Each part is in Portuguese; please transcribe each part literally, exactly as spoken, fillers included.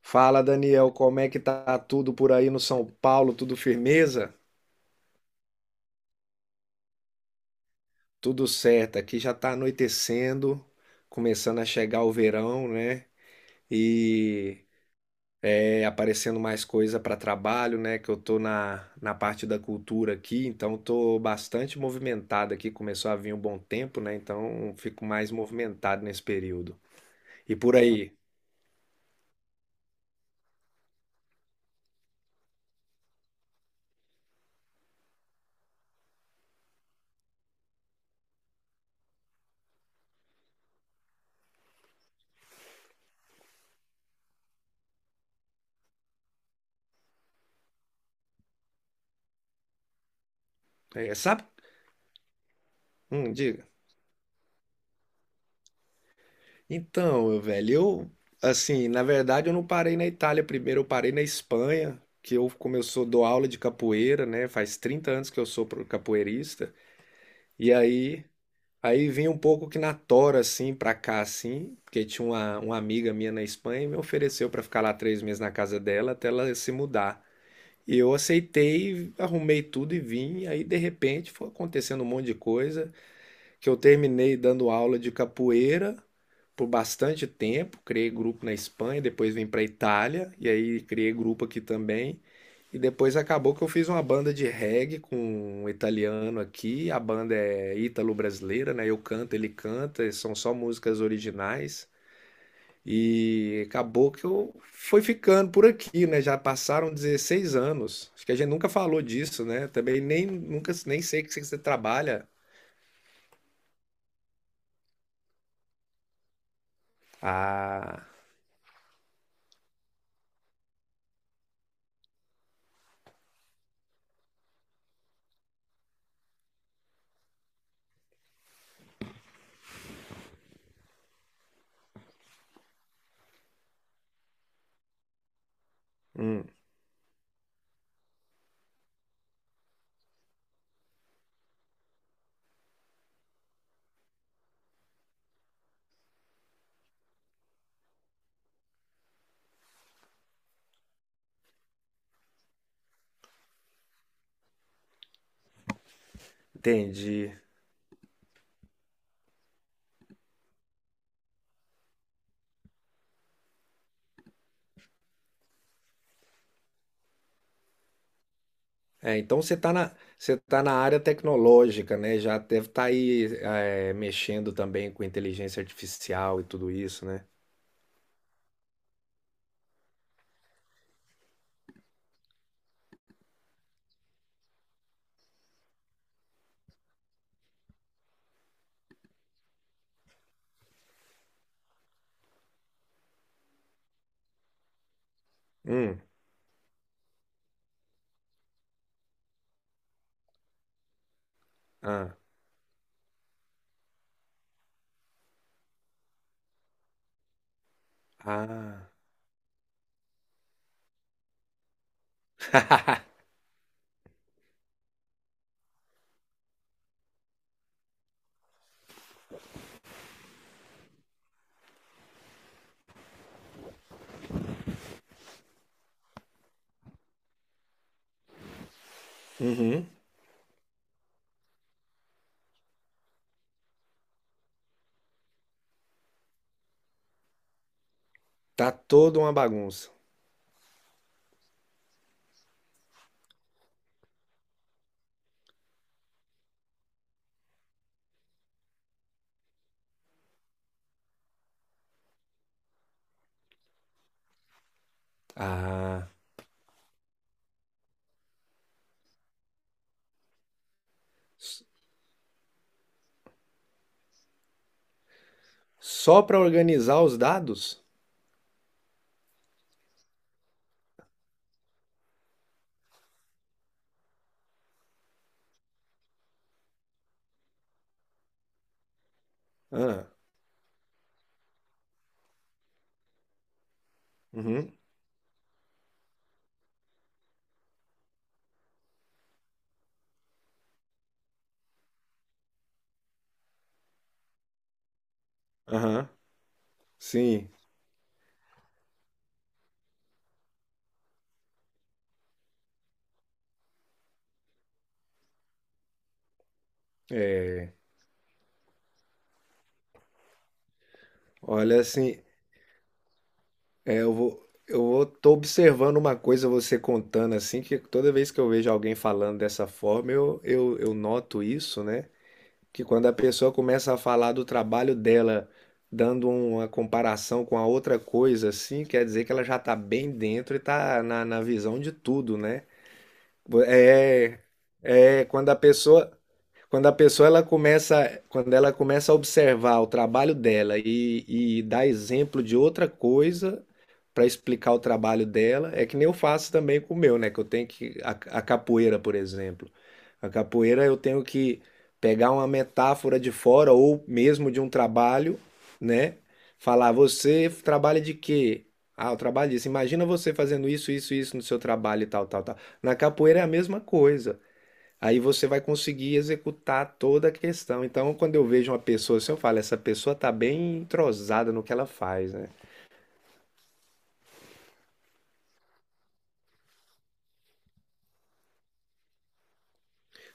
Fala, Daniel, como é que tá tudo por aí no São Paulo? Tudo firmeza? Tudo certo. Aqui já tá anoitecendo, começando a chegar o verão, né? E é, aparecendo mais coisa para trabalho, né? Que eu tô na, na parte da cultura aqui, então tô bastante movimentado aqui. Começou a vir um bom tempo, né? Então fico mais movimentado nesse período. E por aí? É, sabe? Hum, diga. Então, velho, eu, assim, na verdade eu não parei na Itália primeiro, eu parei na Espanha, que eu começou a dar aula de capoeira, né? Faz trinta anos que eu sou pro- capoeirista. E aí, aí vim um pouco que na tora, assim, pra cá, assim, porque tinha uma, uma amiga minha na Espanha e me ofereceu pra ficar lá três meses na casa dela até ela se mudar. E eu aceitei, arrumei tudo e vim. E aí, de repente, foi acontecendo um monte de coisa que eu terminei dando aula de capoeira por bastante tempo, criei grupo na Espanha, depois vim para Itália e aí criei grupo aqui também. E depois acabou que eu fiz uma banda de reggae com um italiano aqui. A banda é ítalo-brasileira, né? Eu canto, ele canta, são só músicas originais. E acabou que eu fui ficando por aqui, né? Já passaram dezesseis anos. Acho que a gente nunca falou disso, né? Também nem nunca nem sei que você trabalha. Ah, entendi. É, então você está na, você tá na área tecnológica, né? Já deve estar aí é, mexendo também com inteligência artificial e tudo isso, né? Hum, ah, ah. Uhum. Tá toda uma bagunça. Ah, s- só para organizar os dados? Ah, uhum, aham, sim. É, olha, assim, é, eu vou, eu vou, tô observando uma coisa você contando assim, que toda vez que eu vejo alguém falando dessa forma, eu, eu, eu noto isso, né? Que quando a pessoa começa a falar do trabalho dela, dando uma comparação com a outra coisa, assim, quer dizer que ela já está bem dentro e está na, na visão de tudo, né? É, é quando a pessoa quando a pessoa ela começa, quando ela começa a observar o trabalho dela e, e dar exemplo de outra coisa para explicar o trabalho dela, é que nem eu faço também com o meu, né? Que eu tenho que a, a capoeira, por exemplo. A capoeira eu tenho que pegar uma metáfora de fora ou mesmo de um trabalho, né? Falar, você trabalha de quê? Ah, eu trabalho disso. Imagina você fazendo isso, isso, isso no seu trabalho e tal, tal, tal. Na capoeira é a mesma coisa. Aí você vai conseguir executar toda a questão. Então, quando eu vejo uma pessoa assim, eu falo, essa pessoa está bem entrosada no que ela faz, né?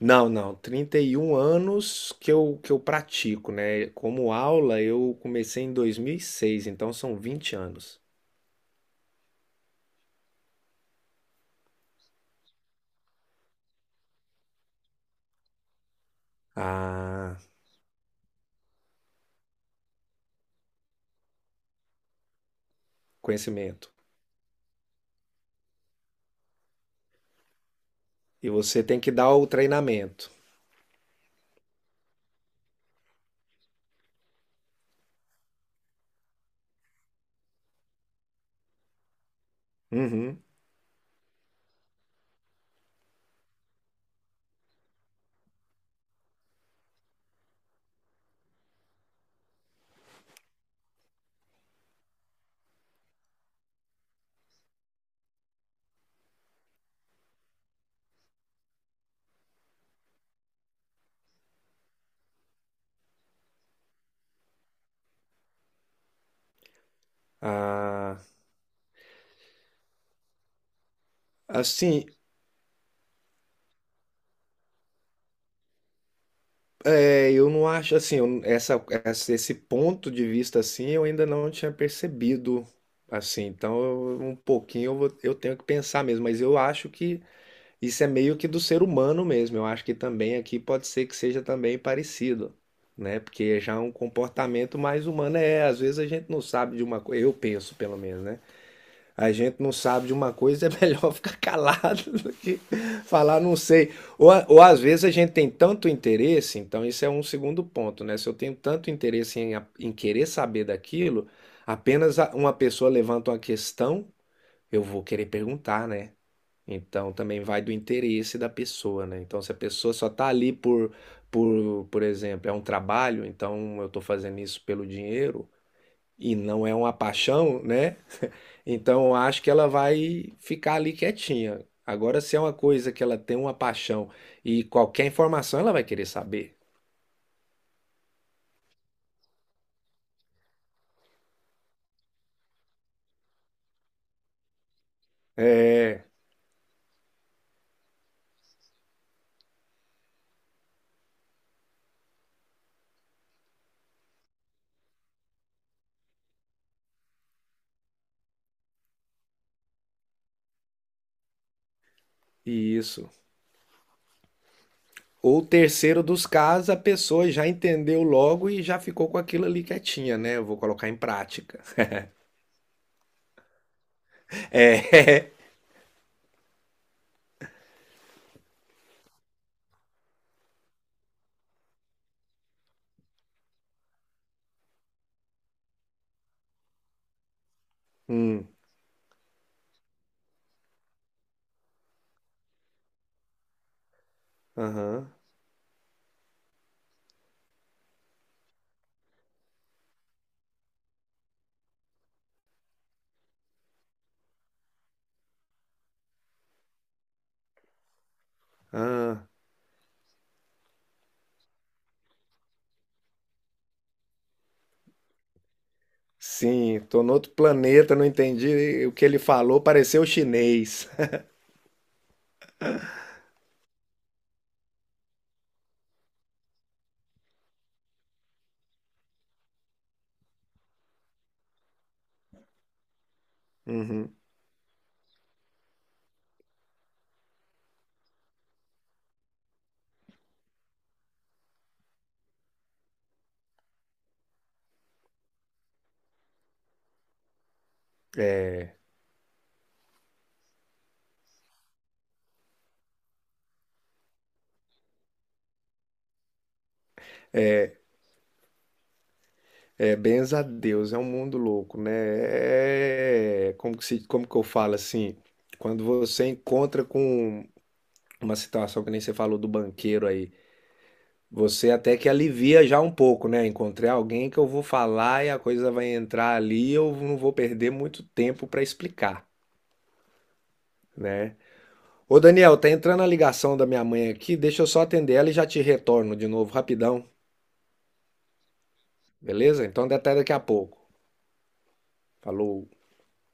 Não, não, trinta e um anos que eu, que eu pratico, né? Como aula, eu comecei em dois mil e seis. Então são vinte anos. Ah, conhecimento. E você tem que dar o treinamento. Uhum. Ah, assim, é, eu não acho assim, eu- essa, essa- esse ponto de vista assim, eu ainda não tinha percebido assim. Então, eu- um pouquinho eu, vou- eu tenho que pensar mesmo, mas eu acho que isso é meio que do ser humano mesmo. Eu acho que também aqui pode ser que seja também parecido, né? Porque já é um comportamento mais humano é, às vezes a gente não sabe de uma coisa, eu penso pelo menos, né? A gente não sabe de uma coisa, é melhor ficar calado do que falar não sei. Ou, a- ou às vezes a gente tem tanto interesse, então isso é um segundo ponto, né? Se eu tenho tanto interesse em, a- em querer saber daquilo, apenas a- uma pessoa levanta uma questão, eu vou querer perguntar, né? Então também vai do interesse da pessoa, né? Então se a pessoa só tá ali por, por, por exemplo, é um trabalho, então eu tô fazendo isso pelo dinheiro e não é uma paixão, né? Então, eu acho que ela vai ficar ali quietinha. Agora, se é uma coisa que ela tem uma paixão e qualquer informação ela vai querer saber. É, isso. Ou terceiro dos casos, a pessoa já entendeu logo e já ficou com aquilo ali quietinha, né? Eu vou colocar em prática. É. Hum, aham. Ah, sim, tô no outro planeta, não entendi o que ele falou, pareceu chinês. Uhum. É, benza a Deus, é um mundo louco, né? É, como que se, como que eu falo assim? Quando você encontra com uma situação que nem você falou do banqueiro aí, você até que alivia já um pouco, né? Encontrei alguém que eu vou falar e a coisa vai entrar ali, eu não vou perder muito tempo para explicar, né? Ô Daniel, tá entrando a ligação da minha mãe aqui, deixa eu só atender ela e já te retorno de novo rapidão, beleza? Então até daqui a pouco. Falou.